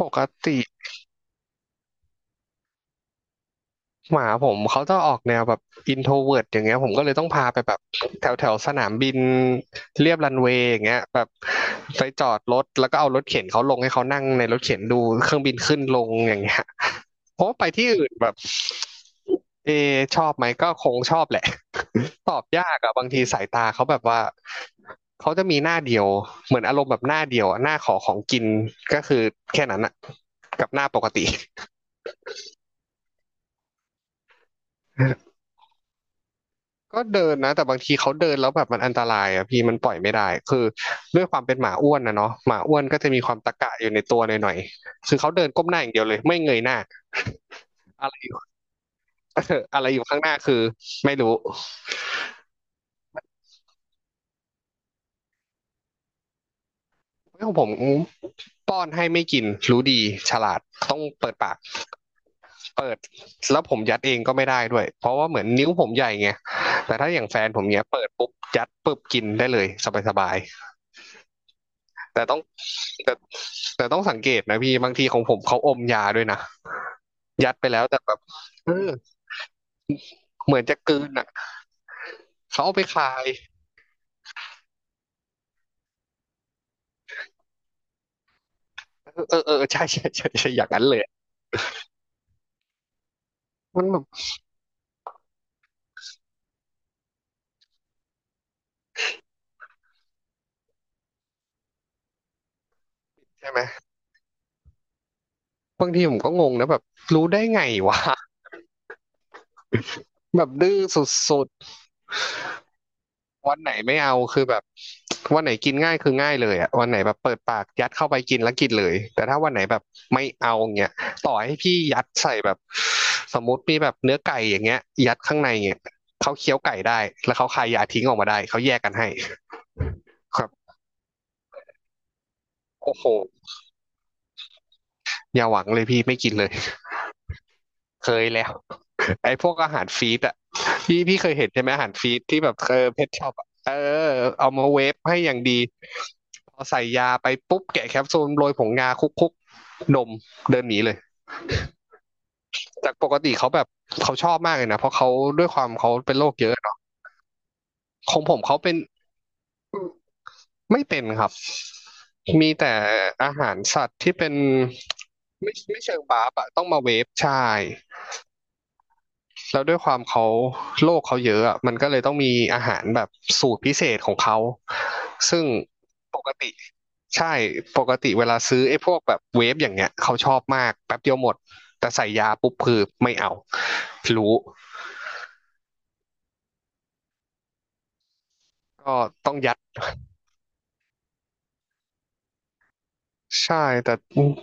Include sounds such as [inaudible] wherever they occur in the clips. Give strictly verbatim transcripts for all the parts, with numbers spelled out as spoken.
ปกติหมาผมเขาจะออกแนวแบบอินโทรเวิร์ตอย่างเงี้ยผมก็เลยต้องพาไปแบบแถวแถวสนามบินเรียบรันเวย์อย่างเงี้ยแบบไปจอดรถแล้วก็เอารถเข็นเขาลงให้เขานั่งในรถเข็นดูเครื่องบินขึ้นลงอย่างเงี้ยเพราะว่าไปที่อื่นแบบเอชอบไหมก็คงชอบแหละ [laughs] ตอบยากอะบางทีสายตาเขาแบบว่าเขาจะมีหน้าเดียวเหมือนอารมณ์แบบหน้าเดียวอะหน้าขอของกินก็คือแค่นั้นอะกับหน้าปกติ ก็เดินนะแต่บางทีเขาเดินแล้วแบบมันอันตรายอ่ะพี่มันปล่อยไม่ได้คือด้วยความเป็นหมาอ้วนนะเนาะหมาอ้วนก็จะมีความตะกะอยู่ในตัวหน่อยๆคือเขาเดินก้มหน้าอย่างเดียวเลยไม่เงยหน้าอะไรอยู่ [laughs] อะไรอยู่ข้างหน้าคือไม่รู้ของผมป้อนให้ไม่กินรู้ดีฉลาดต้องเปิดปากเปิดแล้วผมยัดเองก็ไม่ได้ด้วยเพราะว่าเหมือนนิ้วผมใหญ่ไงแต่ถ้าอย่างแฟนผมเนี้ยเปิดปุ๊บยัดปุ๊บกินได้เลยสบายๆแต่ต้องแต่แต่ต้องสังเกตนะพี่บางทีของผมเขาอมยาด้วยนะ ยัดไปแล้วแต่แบบเออเหมือนจะกลืนอ่ะเขาเอาไปคายเออเออใช่ใช่ใช่ใช่อย่างนั้นเลยมันแบบใช่ไหมบางทีผมก็งงนะแบบรู้ได้ไงวะแบบดื้อสุดๆวันไหนไม่เอาคือแบบวันไหนกินง่ายคือง่ายเลยอะวันไหนแบบเปิดปากยัดเข้าไปกินแล้วกินเลยแต่ถ้าวันไหนแบบไม่เอาเงี้ยต่อให้พี่ยัดใส่แบบสมมติมีแบบเนื้อไก่อย่างเงี้ยยัดข้างในเงี้ยเขาเคี้ยวไก่ได้แล้วเขาคายยาทิ้งออกมาได้เขาแยกกันให้ครับโอ้โห อย่าหวังเลยพี่ไม่กินเลยเคยแล้วไอ้พวกอาหารฟีดอะพี่พี่เคยเห็นใช่ไหมอาหารฟีดที่แบบเออเพชช็อปเออเอามาเวฟให้อย่างดีพอใส่ยาไปปุ๊บแกะแคปซูลโรยผงงาคุกๆนมเดินหนีเลยจากปกติเขาแบบเขาชอบมากเลยนะเพราะเขาด้วยความเขาเป็นโรคเยอะเนาะของผมเขาเป็นไม่เป็นครับมีแต่อาหารสัตว์ที่เป็นไม่ไม่เชิงบาปอะต้องมาเวฟใช่ แล้วด้วยความเขาโรคเขาเยอะอะมันก็เลยต้องมีอาหารแบบสูตรพิเศษของเขา ซึ่งปกติใช่ปกติเวลาซื้อไอ้พวกแบบเวฟอย่างเงี้ยเขาชอบมากแป๊บเดียวหมด แต่ใส่ยาปุ๊บคือไม่เอารู้ ก็ต้องยัดใช่แต่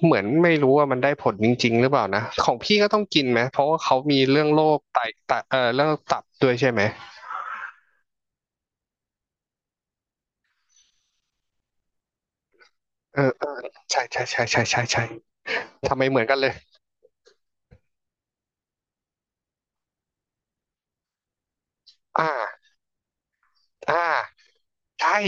เหมือนไม่รู้ว่ามันได้ผลจริงๆหรือเปล่านะของพี่ก็ต้องกินไหมเพราะว่าเขามีเรื่องโรคไตไตเอ่อเรื่องตับด้วยใช่ไหมเออเออใช่ใช่ใช่ใช่ใช่ใช่ทำไมเหมือนกันเลยอ่าอ่าใช่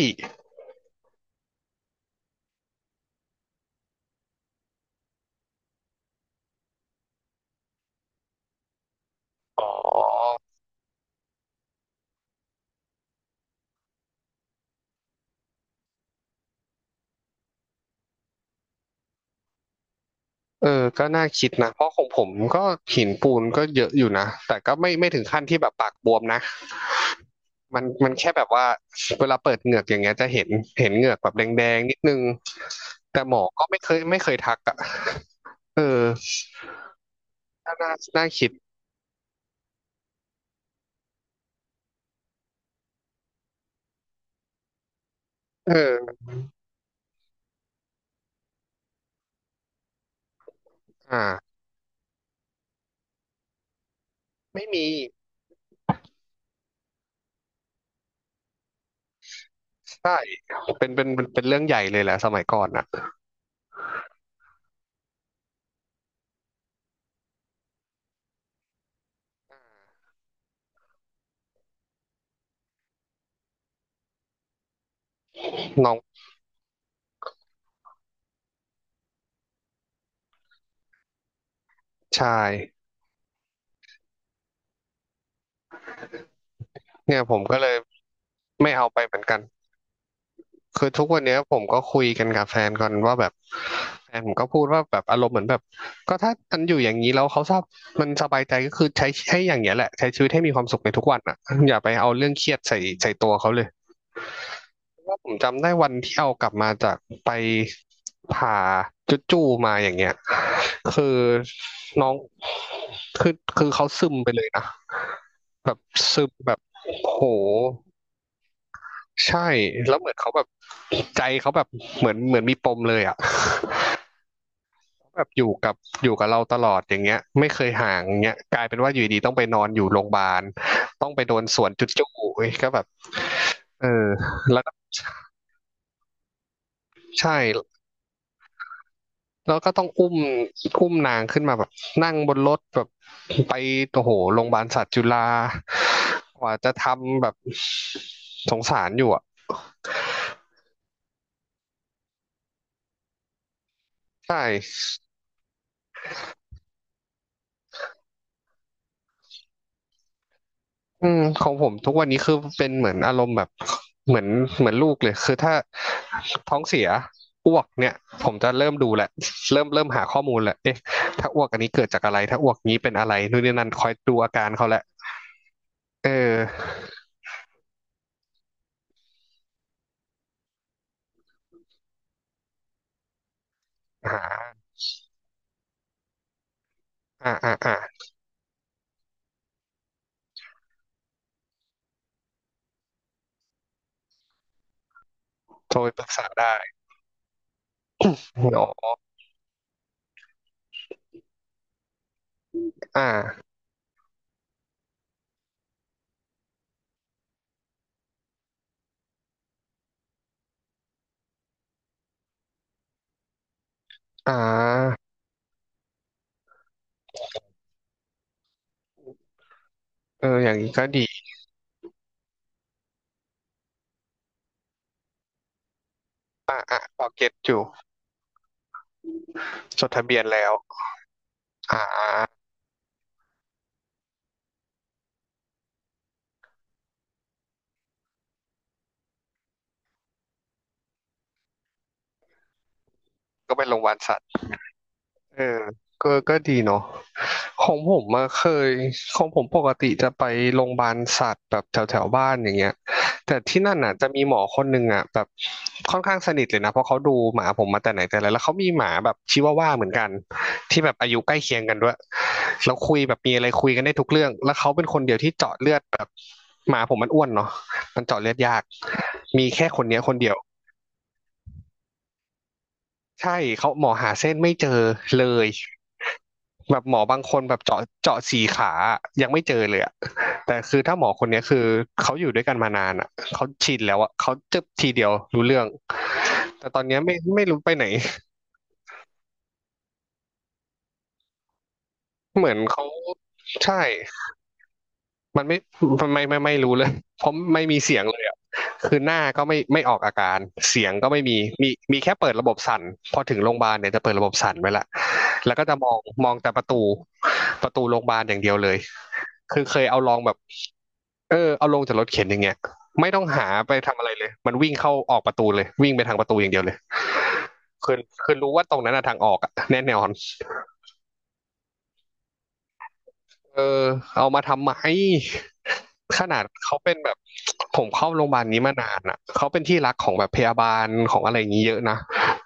อ๋อเออก็น่าคิดนะ เพราะของผมก็หินปูนก็เยอะอยู่นะ แต่ก็ไม่ไม่ถึงขั้นที่แบบปากบวมนะ มันมันแค่แบบว่าเวลาเปิดเหงือกอย่างเงี้ยจะเห็นเห็นเหงือกแบบแดงๆนิดนึง แต่หมอก็ไม่เคยไม่เคยทักอ่ะเออน่าน่าน่าคิดเอออ่าไม่มีใช่เป็นเป็นเป็นเป็นเรื่องใหญ่เลยแหละสมัยก่อนอ่ะน้องชายเนี่ยผมก็เลยไม่เอาไปเหมือนกัน คือทุกวันเนี้ยผมก็คุยกันกับแฟนก่อนว่าแบบแฟนผมก็พูดว่าแบบอารมณ์เหมือนแบบก็ถ้ามันอยู่อย่างนี้แล้วเขาชอบมันสบายใจก็คือใช้ให้อย่างเงี้ยแหละใช้ชีวิตให้มีความสุขในทุกวันอ่ะอย่าไปเอาเรื่องเครียดใส่ใส่ตัวเขาเลยว่าผมจำได้วันที่เอากลับมาจากไปผ่าจุดจูมาอย่างเงี้ยคือน้องคือคือเขาซึมไปเลยนะแบบซึมแบบโห ใช่แล้วเหมือนเขาแบบใจเขาแบบเหมือนเหมือนมีปมเลยอ่ะ [laughs] เขาแบบอยู่กับอยู่กับเราตลอดอย่างเงี้ยไม่เคยห่างอย่างเงี้ยกลายเป็นว่าอยู่ดีๆต้องไปนอนอยู่โรงพยาบาลต้องไปโดนสวนจุดจู้เว้ยก็แบบเออแล้วก็ใช่แล้วก็ต้องอุ้มอุ้มนางขึ้นมาแบบนั่งบนรถแบบไปโอ้โหโรงพยาบาลสัตว์จุฬากว่าจะทำแบบสงสารอยู่อ่ะใช่ อืมของผมทุกวันนี้คือเป็นเหมือนอารมณ์แบบเหมือนเหมือนลูกเลยคือถ้าท้องเสียอ้วกเนี่ยผมจะเริ่มดูแหละเริ่มเริ่มหาข้อมูลแหละเอ๊ะถ้าอ้วกอันนี้เกิดจากอะไรถ้าอ้วกนี้เป็นอะไรนู่นนี่นั่นคอยดูอาการเขาแหละเออหาอ่าอ่าอ่าโทรไปปรึกษาได้เนาะอ่าอ่าเอออย่างนี้ก็ดีพอเก็ตอยู่จดทะเบียนแล้วอ่าก็ไปโรงพยาบาลสัตว์ เออก็ก็ดีเนาะของผมมาเคยของผมปกติจะไปโรงพยาบาลสัตว์แบบแถวแถวบ้านอย่างเงี้ยแต่ที่นั่นน่ะจะมีหมอคนหนึ่งอ่ะแบบค่อนข้างสนิทเลยนะเพราะเขาดูหมาผมมาแต่ไหนแต่ไรแล้วเขามีหมาแบบชิวาว่าเหมือนกันที่แบบอายุใกล้เคียงกันด้วยแล้วคุยแบบมีอะไรคุยกันได้ทุกเรื่องแล้วเขาเป็นคนเดียวที่เจาะเลือดแบบหมาผมมันอ้วนเนาะมันเจาะเลือดยากมีแค่คนเนี้ยคนเดียว ใช่เขาหมอหาเส้นไม่เจอเลย [laughs] แบบหมอบางคนแบบเจาะเจาะสี่ขาอะยังไม่เจอเลยอะ [laughs] แต่คือถ้าหมอคนเนี้ยคือเขาอยู่ด้วยกันมานานอะเขาชินแล้วอะเขาจะทีเดียวรู้เรื่องแต่ตอนเนี้ยไม่ไม่รู้ไปไหน [laughs] เหมือนเขาใช่ มันไม่มันไม่ไม่ไม่รู้เลย [laughs] เพราะไม่มีเสียงเลยอ่ะคือหน้าก็ไม่ไม่ออกอาการ เสียงก็ไม่มีมี มีแค่เปิดระบบสั่นพอถึงโรงพยาบาลเนี่ยจะเปิดระบบสั่นไว้ละแล้วก็จะมองมองแต่ประตูประตูโรงพยาบาลอย่างเดียวเลยคือเคยเอาลองแบบเออเอาลงจากรถเข็นอย่างเงี้ยไม่ต้องหาไปทำอะไรเลยมันวิ่งเข้าออกประตูเลยวิ่งไปทางประตูอย่างเดียวเลยคือคือรู้ว่าตรงนั้นอะทางออกอะแน่นอน เออเอามาทำไม [laughs] ขนาดเขาเป็นแบบผมเข้าโรงพยาบาลนี้มานานอ่ะเขาเป็นที่รักของแบบพยาบาลของอะไรอย่างนี้เยอะนะ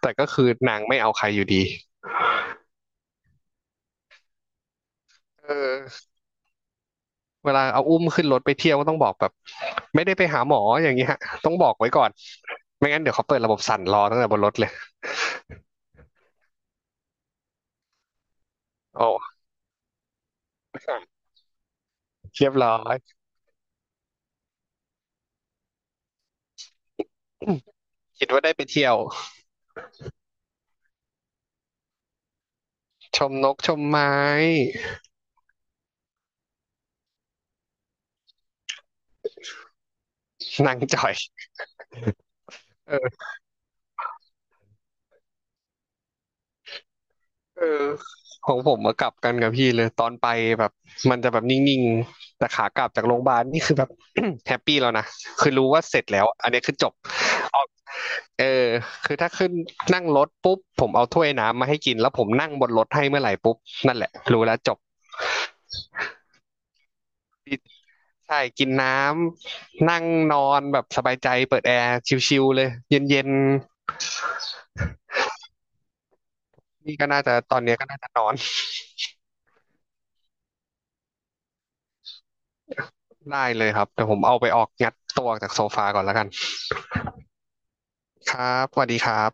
แต่ก็คือนางไม่เอาใครอยู่ดีเออเวลาเอาอุ้มขึ้นรถไปเที่ยวก็ต้องบอกแบบไม่ได้ไปหาหมออย่างเงี้ยต้องบอกไว้ก่อนไม่งั้นเดี๋ยวเขาเปิดระบบสั่นรอตั้งแต่บนรถเลยโอ้ [laughs] เรียบร้อยคิดว่าได้ไปเที่ยวชมนกชมไม้นางจ่อยเออ เออของผมมากลับกันกับพี่เลยตอนไปแบบมันจะแบบนิ่งๆแต่ขากลับจากโรงพยาบาลนี่คือแบบ [coughs] [clears throat] แฮปปี้แล้วนะคือรู้ว่าเสร็จแล้วอันนี้คือจบออกเออคือถ้าขึ้นนั่งรถปุ๊บผมเอาถ้วยน้ำมาให้กินแล้วผมนั่งบนรถให้เมื่อไหร่ปุ๊บนั่นแหละรู้แล้วจบใช่กินน้ำนั่งนอนแบบสบายใจเปิดแอร์ชิลๆเลยเย็นๆนี่ก็น่าจะตอนเนี้ยก็น่าจะนอนได้เลยครับแต่ผมเอาไปออกงัดตัวออกจากโซฟาก่อนแล้วกันครับสวัสดีครับ